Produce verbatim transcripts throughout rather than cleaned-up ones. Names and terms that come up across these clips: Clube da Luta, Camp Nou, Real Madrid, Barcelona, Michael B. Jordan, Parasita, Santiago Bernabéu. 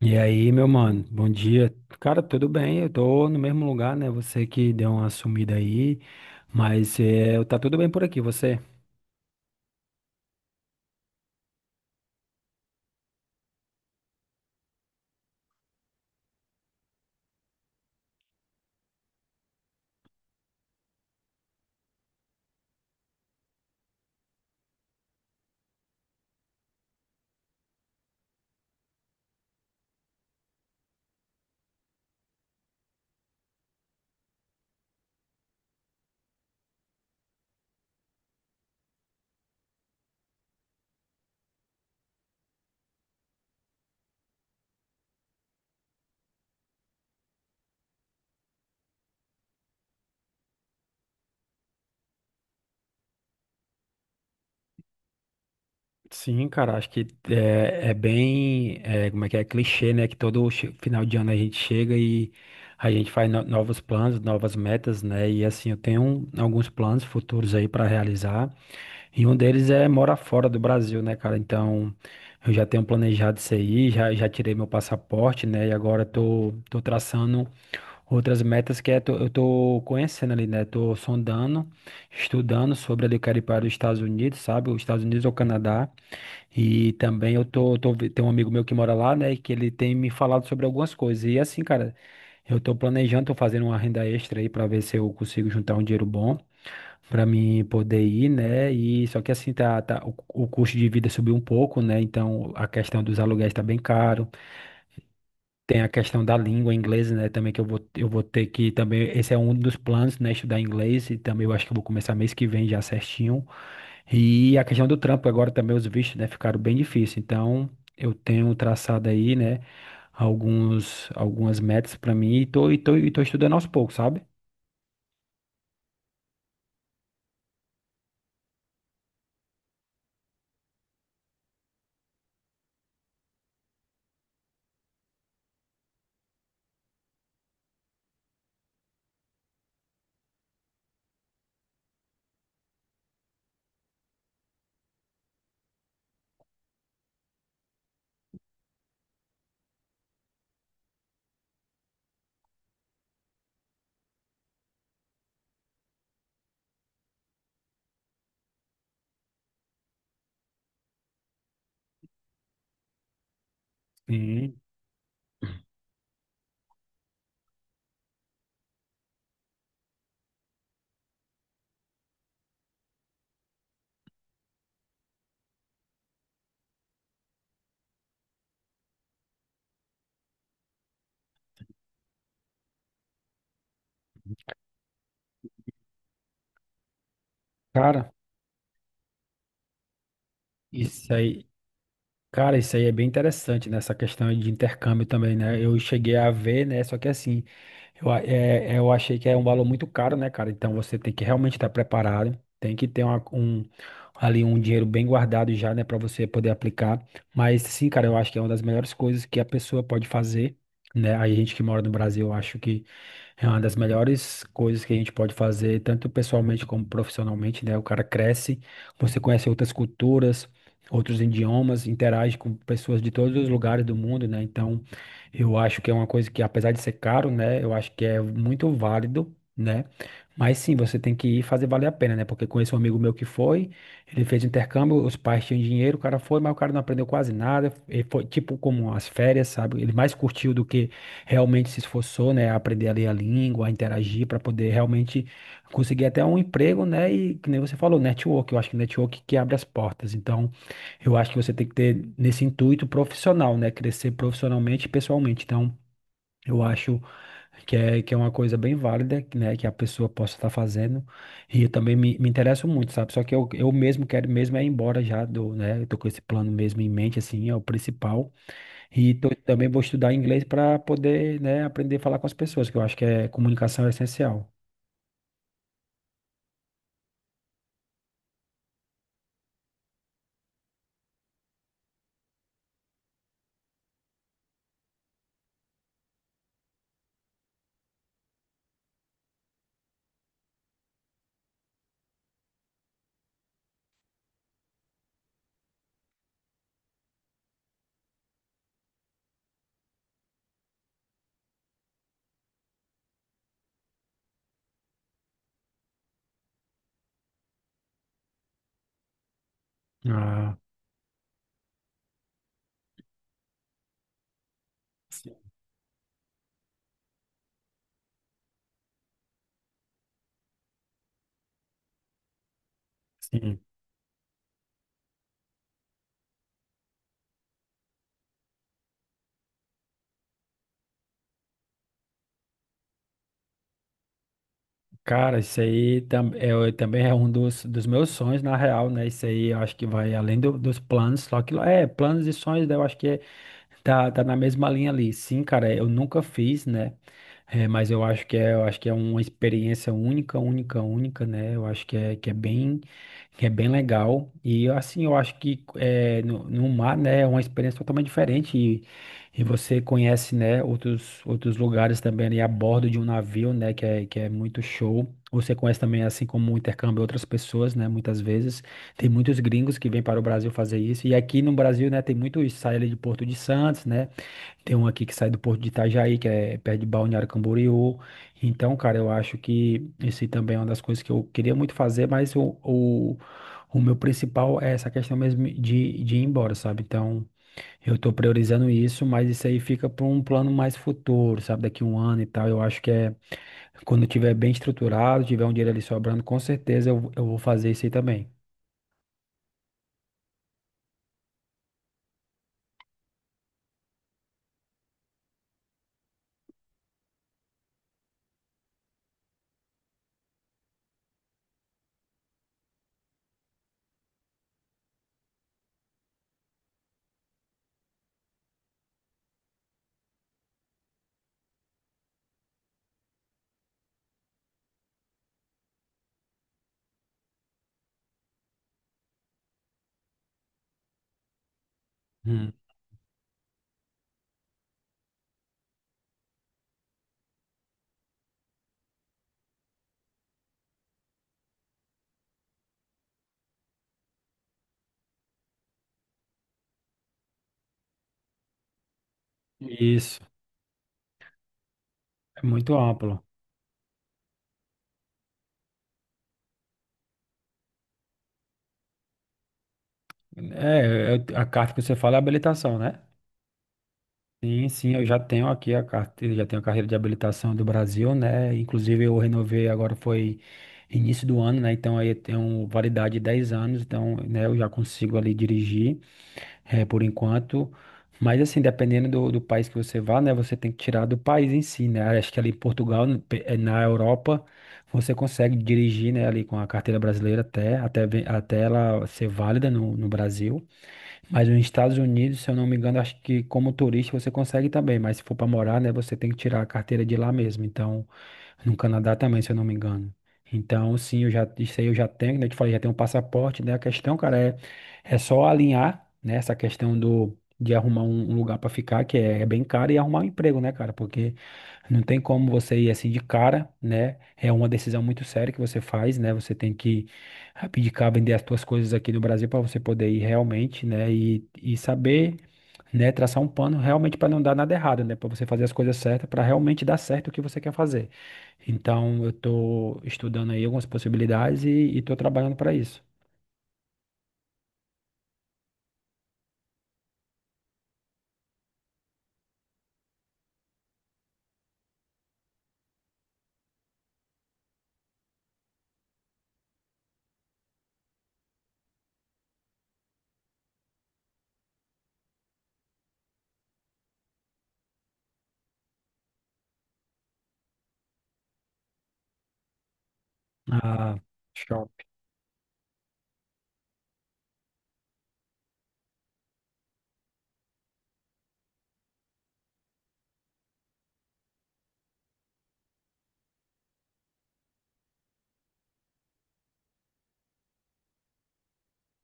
E aí, meu mano, bom dia. Cara, tudo bem? Eu tô no mesmo lugar, né? Você que deu uma sumida aí, mas é, tá tudo bem por aqui, você? Sim, cara, acho que é, é bem, é, como é que é, clichê, né? Que todo che- final de ano a gente chega e a gente faz no- novos planos, novas metas, né? E assim, eu tenho um, alguns planos futuros aí pra realizar, e um deles é morar fora do Brasil, né, cara? Então, eu já tenho planejado isso aí, já, já tirei meu passaporte, né? E agora tô, tô traçando. Outras metas que é tô- eu estou conhecendo ali, né? Estou sondando, estudando sobre ali, quero ir para os Estados Unidos, sabe? Os Estados Unidos ou Canadá. E também eu tô, tô, vi- tem um amigo meu que mora lá, né? E que ele tem me falado sobre algumas coisas. E assim, cara, eu estou planejando, tô fazendo uma renda extra aí para ver se eu consigo juntar um dinheiro bom para mim poder ir, né? E só que assim, tá, tá, o, o custo de vida subiu um pouco, né? Então a questão dos aluguéis está bem caro. Tem a questão da língua inglesa, né? Também que eu vou, eu vou ter que também. Esse é um dos planos, né? Estudar inglês. E também eu acho que eu vou começar mês que vem já certinho. E a questão do trampo, agora também os vistos, né? Ficaram bem difíceis. Então, eu tenho traçado aí, né? Alguns, algumas metas para mim. E tô, e tô, e tô estudando aos poucos, sabe? E, cara, isso aí. Cara, isso aí é bem interessante, né? Essa questão de intercâmbio também, né? Eu cheguei a ver, né? Só que assim, eu, a- é, eu achei que é um valor muito caro, né, cara? Então você tem que realmente estar preparado, tem que ter uma- um, ali um dinheiro bem guardado já, né, para você poder aplicar. Mas sim, cara, eu acho que é uma das melhores coisas que a pessoa pode fazer, né? A gente que mora no Brasil, eu acho que é uma das melhores coisas que a gente pode fazer, tanto pessoalmente como profissionalmente, né? O cara cresce, você conhece outras culturas, outros idiomas, interage com pessoas de todos os lugares do mundo, né? Então, eu acho que é uma coisa que, apesar de ser caro, né, eu acho que é muito válido. Né? Mas sim, você tem que ir fazer valer a pena, né? Porque conheço um amigo meu que foi, ele fez intercâmbio, os pais tinham dinheiro, o cara foi, mas o cara não aprendeu quase nada. Ele foi tipo como as férias, sabe? Ele mais curtiu do que realmente se esforçou, né? a aprender a ler a língua, a interagir para poder realmente conseguir até um emprego, né? E que nem você falou, network, eu acho que network que abre as portas. Então, eu acho que você tem que ter nesse intuito profissional, né? Crescer profissionalmente e pessoalmente. Então, eu acho que é, que é uma coisa bem válida, né? Que a pessoa possa estar fazendo. E eu também me, me interesso muito, sabe? Só que eu, eu mesmo quero mesmo é ir embora já do, né? Eu tô com esse plano mesmo em mente, assim, é o principal. E tô- também vou estudar inglês para poder, né? Aprender a falar com as pessoas, que eu acho que é comunicação é essencial. Ah, sim. Sim. Cara, isso aí tam, é, o- também é um dos, dos meus sonhos, na real, né? Isso aí eu acho que vai além do- dos planos, só que é planos e sonhos, né? Eu acho que é. Tá, tá na mesma linha ali. Sim, cara, eu nunca fiz, né? É, mas eu acho que é, eu acho que é uma experiência única, única, única, né? Eu acho que é, que é bem, que é bem legal. E assim, eu acho que é, no, no mar, né, é uma experiência totalmente diferente. E, e você conhece, né, outros, outros lugares também ali a bordo de um navio, né, que é, que é muito show. Você conhece também, assim como o intercâmbio, outras pessoas, né, muitas vezes. Tem muitos gringos que vêm para o Brasil fazer isso. E aqui no Brasil, né, tem muitos, sai ali de Porto de Santos, né? Tem um aqui que sai do Porto de Itajaí, que é perto de Balneário Camboriú. Então, cara, eu acho que esse também é uma das coisas que eu queria muito fazer, mas o, o, o meu principal é essa questão mesmo de, de ir embora, sabe? Então, eu tô priorizando isso, mas isso aí fica para um plano mais futuro, sabe? Daqui um ano e tal. Eu acho que é quando eu tiver bem estruturado, tiver um dinheiro ali sobrando, com certeza eu, eu vou fazer isso aí também. Hum. Isso. É muito amplo. É, é- a carta que você fala é habilitação, né? Sim, sim, eu já tenho aqui a carteira, já tenho a carreira de habilitação do Brasil, né? Inclusive eu renovei agora foi início do ano, né? Então aí eu tenho validade de dez anos, então, né, eu já consigo ali dirigir, eh, por enquanto. Mas assim, dependendo do, do país que você vá, né, você tem que tirar do país em si, né? Acho que ali em Portugal, no- pe- eh, na Europa, você consegue dirigir, né, ali com a carteira brasileira até até ve- até ela ser válida no, no Brasil. Mas nos Estados Unidos, se eu não me engano, acho que como turista você consegue também, mas se for para morar, né, você tem que tirar a carteira de lá mesmo. Então, no Canadá também, se eu não me engano. Então, sim, eu já, isso aí eu já tenho, né? Eu te falei, já tenho um passaporte, né? A questão, cara, é, é só alinhar, né, essa questão do, de arrumar um um lugar para ficar, que é, é bem caro, e arrumar um emprego, né, cara? Porque não tem como você ir assim de cara, né? É uma decisão muito séria que você faz, né? Você tem que abdicar, vender as suas coisas aqui no Brasil para você poder ir realmente, né? E, e saber, né? Traçar um plano realmente para não dar nada errado, né? Para você fazer as coisas certas, para realmente dar certo o que você quer fazer. Então, eu estou estudando aí algumas possibilidades e estou trabalhando para isso. Ah, show.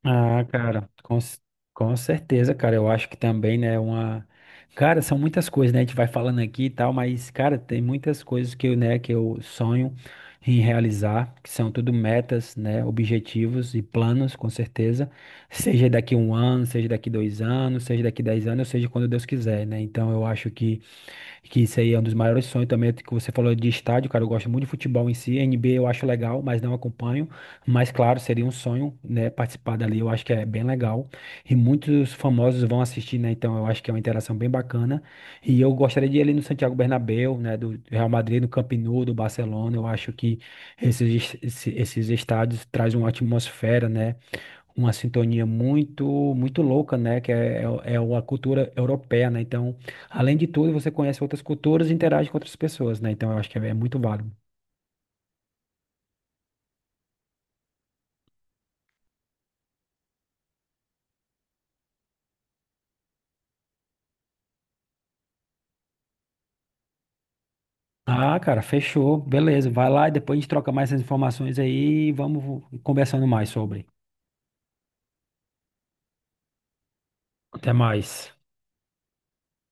Ah, cara, com, c- com certeza, cara. Eu acho que também, né, uma. Cara, são muitas coisas, né? A gente vai falando aqui e tal, mas, cara, tem muitas coisas que eu, né, que eu sonho em realizar, que são tudo metas, né, objetivos e planos, com certeza. Seja daqui um ano, seja daqui dois anos, seja daqui dez anos, ou seja quando Deus quiser, né? Então eu acho que que isso aí é um dos maiores sonhos também, é que você falou de estádio, cara, eu gosto muito de futebol em si, N B A eu acho legal, mas não acompanho, mas claro, seria um sonho, né, participar dali, eu acho que é bem legal, e muitos famosos vão assistir, né, então eu acho que é uma interação bem bacana, e eu gostaria de ir ali no Santiago Bernabéu, né, do Real Madrid, no Camp Nou, do Barcelona, eu acho que esses, es- esses estádios trazem uma atmosfera, né, uma sintonia muito muito louca, né? Que é, é, é uma cultura europeia, né? Então, além de tudo, você conhece outras culturas e interage com outras pessoas, né? Então, eu acho que é, é muito válido. Ah, cara, fechou. Beleza, vai lá e depois a gente troca mais essas informações aí e vamos conversando mais sobre. Até mais.